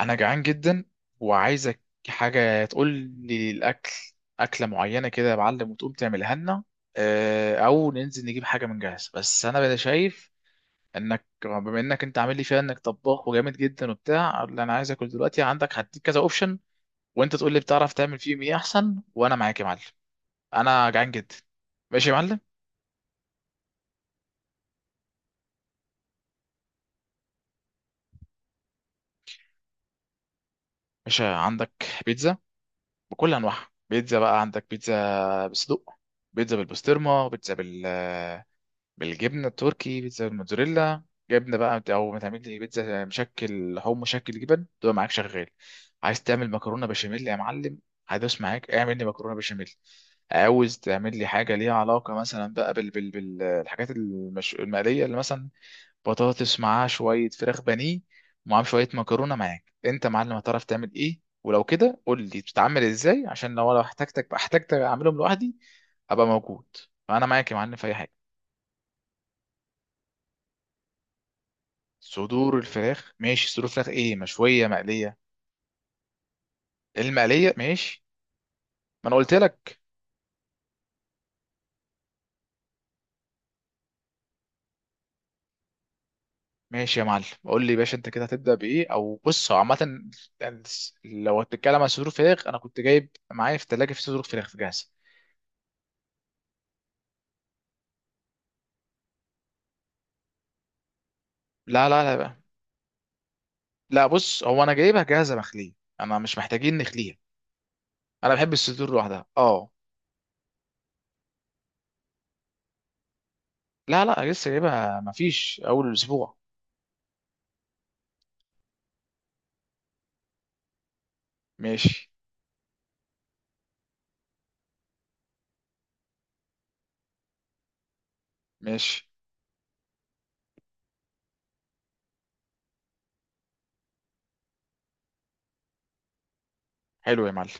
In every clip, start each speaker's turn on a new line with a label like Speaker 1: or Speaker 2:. Speaker 1: انا جعان جدا وعايزك حاجه تقول لي الاكل، اكله معينه كده يا معلم وتقوم تعملها لنا، او ننزل نجيب حاجه من جاهز. بس انا بقى شايف انك بما انك انت عامل لي فيها انك طباخ وجامد جدا وبتاع، اللي انا عايز اكل دلوقتي عندك هديك كذا اوبشن. وانت تقول لي بتعرف تعمل فيهم ايه احسن، وانا معاك يا معلم. انا جعان جدا. ماشي يا معلم. ماشي، عندك بيتزا بكل انواعها. بيتزا بقى، عندك بيتزا بصدق، بيتزا بالبسطرمه، بيتزا بالفراخ، بالجبنه التركي، بيتزا الموتزاريلا، جبنه بقى، او ما تعمل لي بيتزا مشكل لحوم مشكل جبن، تبقى معاك شغال. عايز تعمل مكرونه بشاميل يا معلم، هدوس معاك اعمل لي مكرونه بشاميل. عاوز تعمل لي حاجه ليها علاقه مثلا بقى بالحاجات المقليه، اللي مثلا بطاطس معاها شويه فراخ بانيه، ومعاهم شويه مكرونه. معاك انت يا معلم هتعرف تعمل ايه، ولو كده قول لي بتتعمل ازاي عشان لو انا احتاجتك اعملهم لوحدي. ابقى موجود، فانا معاك يا معلم في اي حاجه. صدور الفراخ ماشي. صدور الفراخ ايه، مشويه مقليه؟ المقليه ماشي. ما انا قلت لك. ماشي يا معلم، قول لي يا باشا انت كده هتبدا بايه؟ او بص، هو عامه يعني، لو هتتكلم عن صدور فراخ انا كنت جايب معايا في الثلاجه في صدور فراخ جاهزه. لا لا لا بقى، لا بص، هو انا جايبها جاهزه مخليه. انا مش محتاجين نخليها. انا بحب الصدور لوحدها اه. لا لا، لسه جايبها، مفيش اول اسبوع. ماشي. ماشي. حلو يا معلم.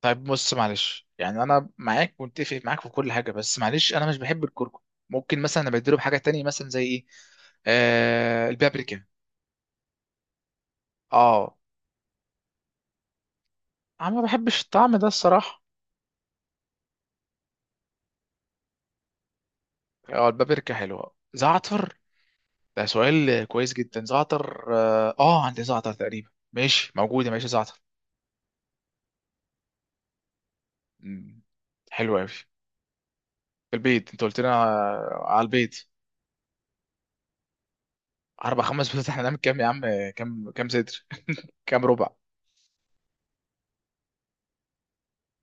Speaker 1: طيب بص معلش، يعني انا معاك، متفق معاك في كل حاجه، بس معلش انا مش بحب الكركم. ممكن مثلا ابدله بحاجه تانية، مثلا زي ايه؟ آه البابريكا. اه انا ما بحبش الطعم ده الصراحه. اه البابريكا حلوه. زعتر، ده سؤال كويس جدا. زعتر، اه، عندي زعتر تقريبا، ماشي، موجوده، ماشي زعتر. مم، حلو قوي. في البيت، انت قلت لنا على البيت، اربع خمس بيضات، احنا نعمل كام يا عم؟ كام صدر؟ كام ربع؟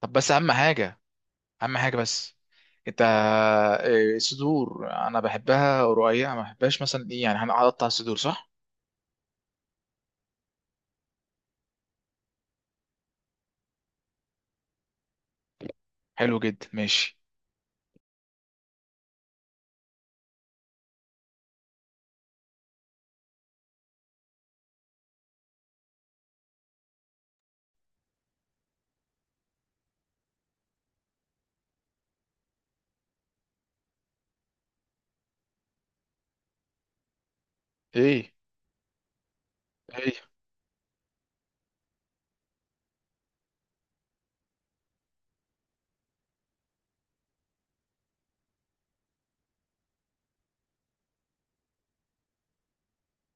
Speaker 1: طب بس اهم حاجه بس. انت صدور، انا بحبها رقيقه، ما بحبهاش مثلا ايه يعني، هنقطع الصدور صح؟ حلو جدا ماشي. ايه؟ ايه؟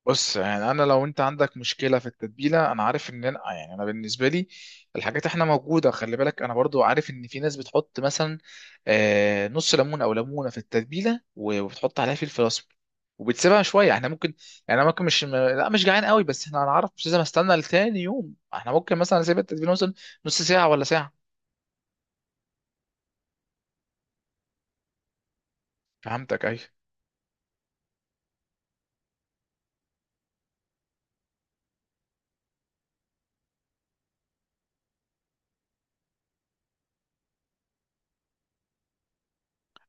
Speaker 1: بص يعني انا لو انت عندك مشكله في التتبيله، انا عارف ان انا يعني، انا بالنسبه لي الحاجات احنا موجوده. خلي بالك انا برضو عارف ان في ناس بتحط مثلا نص ليمون او ليمونه في التتبيله، و- وبتحط عليها فلفل اسمر، وبتسيبها شويه. احنا ممكن، يعني انا ممكن، مش لا مش جعان قوي، بس احنا هنعرف، مش لازم استنى لتاني يوم، احنا ممكن مثلا اسيب التتبيله مثلا نص ساعه ولا ساعه. فهمتك ايوه.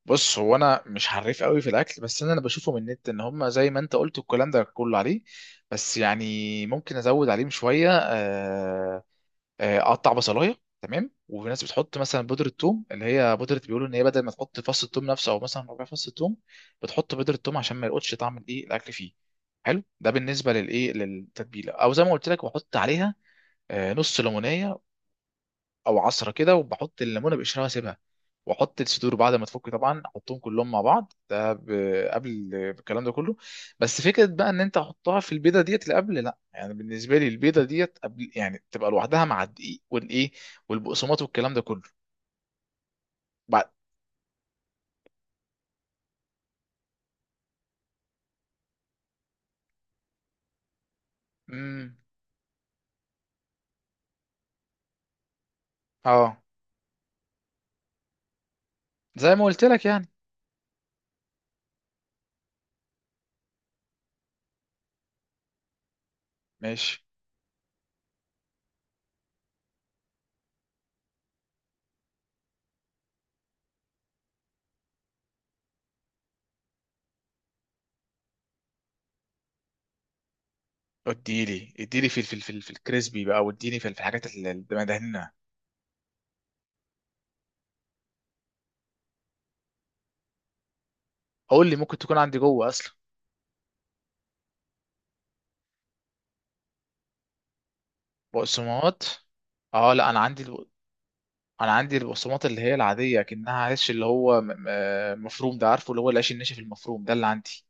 Speaker 1: بص هو انا مش حريف قوي في الاكل، بس انا اللي بشوفه من النت ان هم زي ما انت قلت الكلام ده كله عليه، بس يعني ممكن ازود عليهم شويه. اقطع بصلايه، تمام. وفي ناس بتحط مثلا بودره ثوم، اللي هي بودره، بيقولوا ان هي بدل ما تحط فص الثوم نفسه، او مثلا ربع فص الثوم، بتحط بودره ثوم عشان ما يلقطش طعم الايه الاكل فيه. حلو ده بالنسبه للايه للتتبيله. او زي ما قلت لك، بحط عليها نص ليمونيه، او عصره كده، وبحط الليمونه بقشرها واسيبها. واحط الصدور بعد ما تفك طبعا، احطهم كلهم مع بعض ده قبل الكلام ده كله. بس فكره بقى، ان انت تحطها في البيضه ديت اللي قبل، لا يعني بالنسبه لي البيضه ديت قبل يعني تبقى لوحدها مع الدقيق والايه والبقسماط والكلام ده كله. بعد. امم. اه زي ما قلت لك يعني. ماشي. اديلي اديلي في الكريسبي بقى، واديني في الحاجات اللي مدهنها. قول لي، ممكن تكون عندي جوه اصلا؟ بقسماط؟ اه لا انا عندي. انا عندي البقسماط اللي هي العاديه، كأنها عيش اللي هو مفروم ده، عارفه، اللي هو العيش الناشف المفروم ده اللي عندي.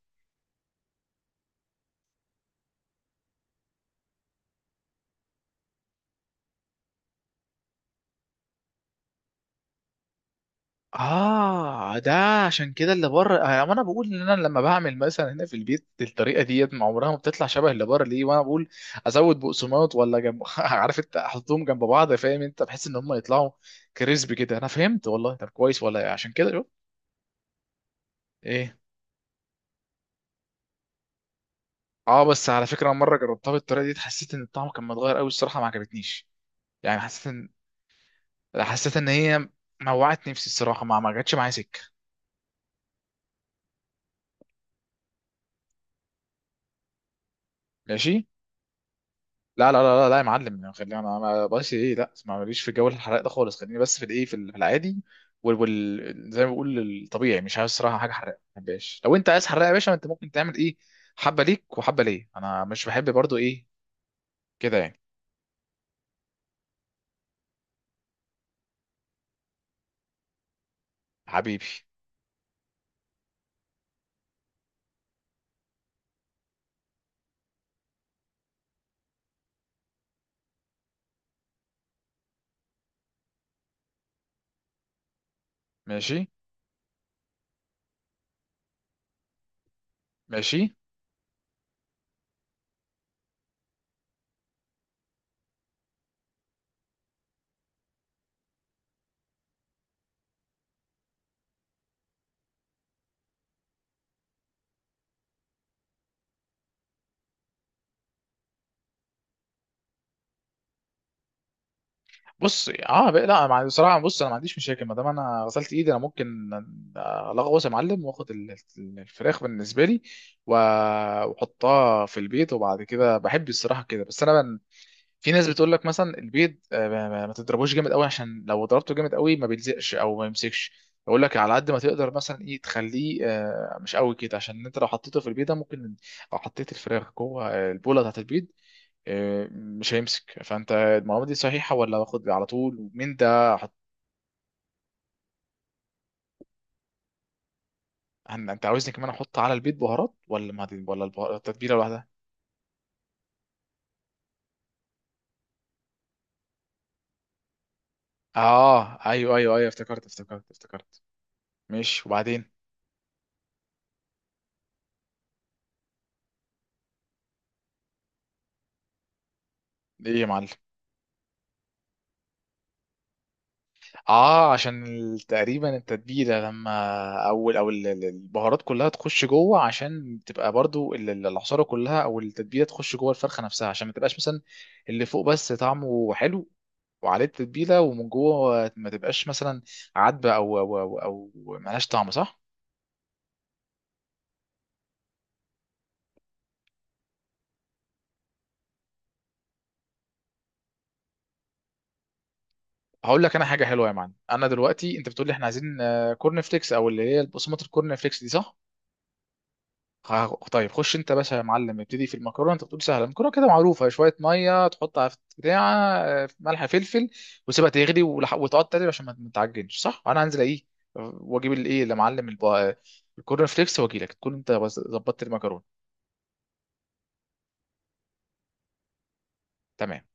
Speaker 1: اه ده. عشان كده اللي بره، وانا بقول ان انا لما بعمل مثلا هنا في البيت الطريقه ديت ما عمرها ما بتطلع شبه اللي بره ليه، وانا بقول ازود بقسماط ولا جنب عارف انت، احطهم جنب بعض فاهم انت، بحس ان هم يطلعوا كريسبي كده. انا فهمت والله. طب كويس والله. عشان كده شوف. ايه؟ اه بس على فكره، مره جربتها بالطريقه دي، حسيت ان الطعم كان متغير قوي الصراحه، ما عجبتنيش. يعني حسيت ان هي موعت نفسي الصراحه، ما جاتش معايا سكه. ماشي. لا لا لا لا, لا يا معلم يعني، خلينا، انا ما بقاش ايه، لا ما ماليش في جو الحرق ده خالص، خليني بس في الايه، في العادي زي ما بقول الطبيعي، مش عايز الصراحه حاجه حرقه ما بحبهاش. لو انت عايز حرقه يا باشا، انت ممكن تعمل ايه، حبه ليك وحبه ليا، انا مش بحب برضو ايه كده يعني. حبيبي. ماشي. ماشي. بص، اه بقى، لا بصراحه. بص انا ما عنديش مشاكل ما دام انا غسلت ايدي، انا ممكن الغوص يا معلم، واخد الفراخ بالنسبه لي، و- واحطها في البيت، وبعد كده بحب الصراحه كده. بس انا من، في ناس بتقول لك مثلا البيض ما تضربوش جامد قوي، عشان لو ضربته جامد قوي ما بيلزقش او ما يمسكش. بقول لك على قد ما تقدر مثلا ايه تخليه مش قوي كده، عشان انت لو حطيته في البيضه ممكن، او حطيت الفراخ جوه البوله بتاعت البيض، مش هيمسك. فانت المعلومه دي صحيحه، ولا باخد على طول، ومين ده احط؟ انت عاوزني كمان احط على البيض بهارات، ولا ما دي، ولا البهارات التتبيله لوحدها؟ اه ايوه، ايوه، ايوه، افتكرت، افتكرت، افتكرت. ماشي وبعدين؟ ايه يا معلم؟ اه عشان تقريبا التتبيله لما، البهارات كلها تخش جوه، عشان تبقى برضو العصاره كلها او التتبيله تخش جوه الفرخه نفسها، عشان ما تبقاش مثلا اللي فوق بس طعمه حلو وعليه التتبيله، ومن جوه ما تبقاش مثلا عدبه أو ملهاش طعم صح. هقول لك انا حاجه حلوه يا معلم، انا دلوقتي انت بتقول لي احنا عايزين كورن فليكس او اللي هي بقسمه الكورن فليكس دي صح؟ طيب خش انت بس يا معلم، ابتدي في المكرونه، انت بتقول سهله المكرونه كده معروفه، شويه ميه تحطها في بتاع ملح فلفل، وسيبها تغلي، وتقعد تقلب عشان ما تعجنش صح. انا هنزل ايه، واجيب الايه اللي معلم الكورن فليكس، واجي لك تكون انت ظبطت المكرونه. تمام.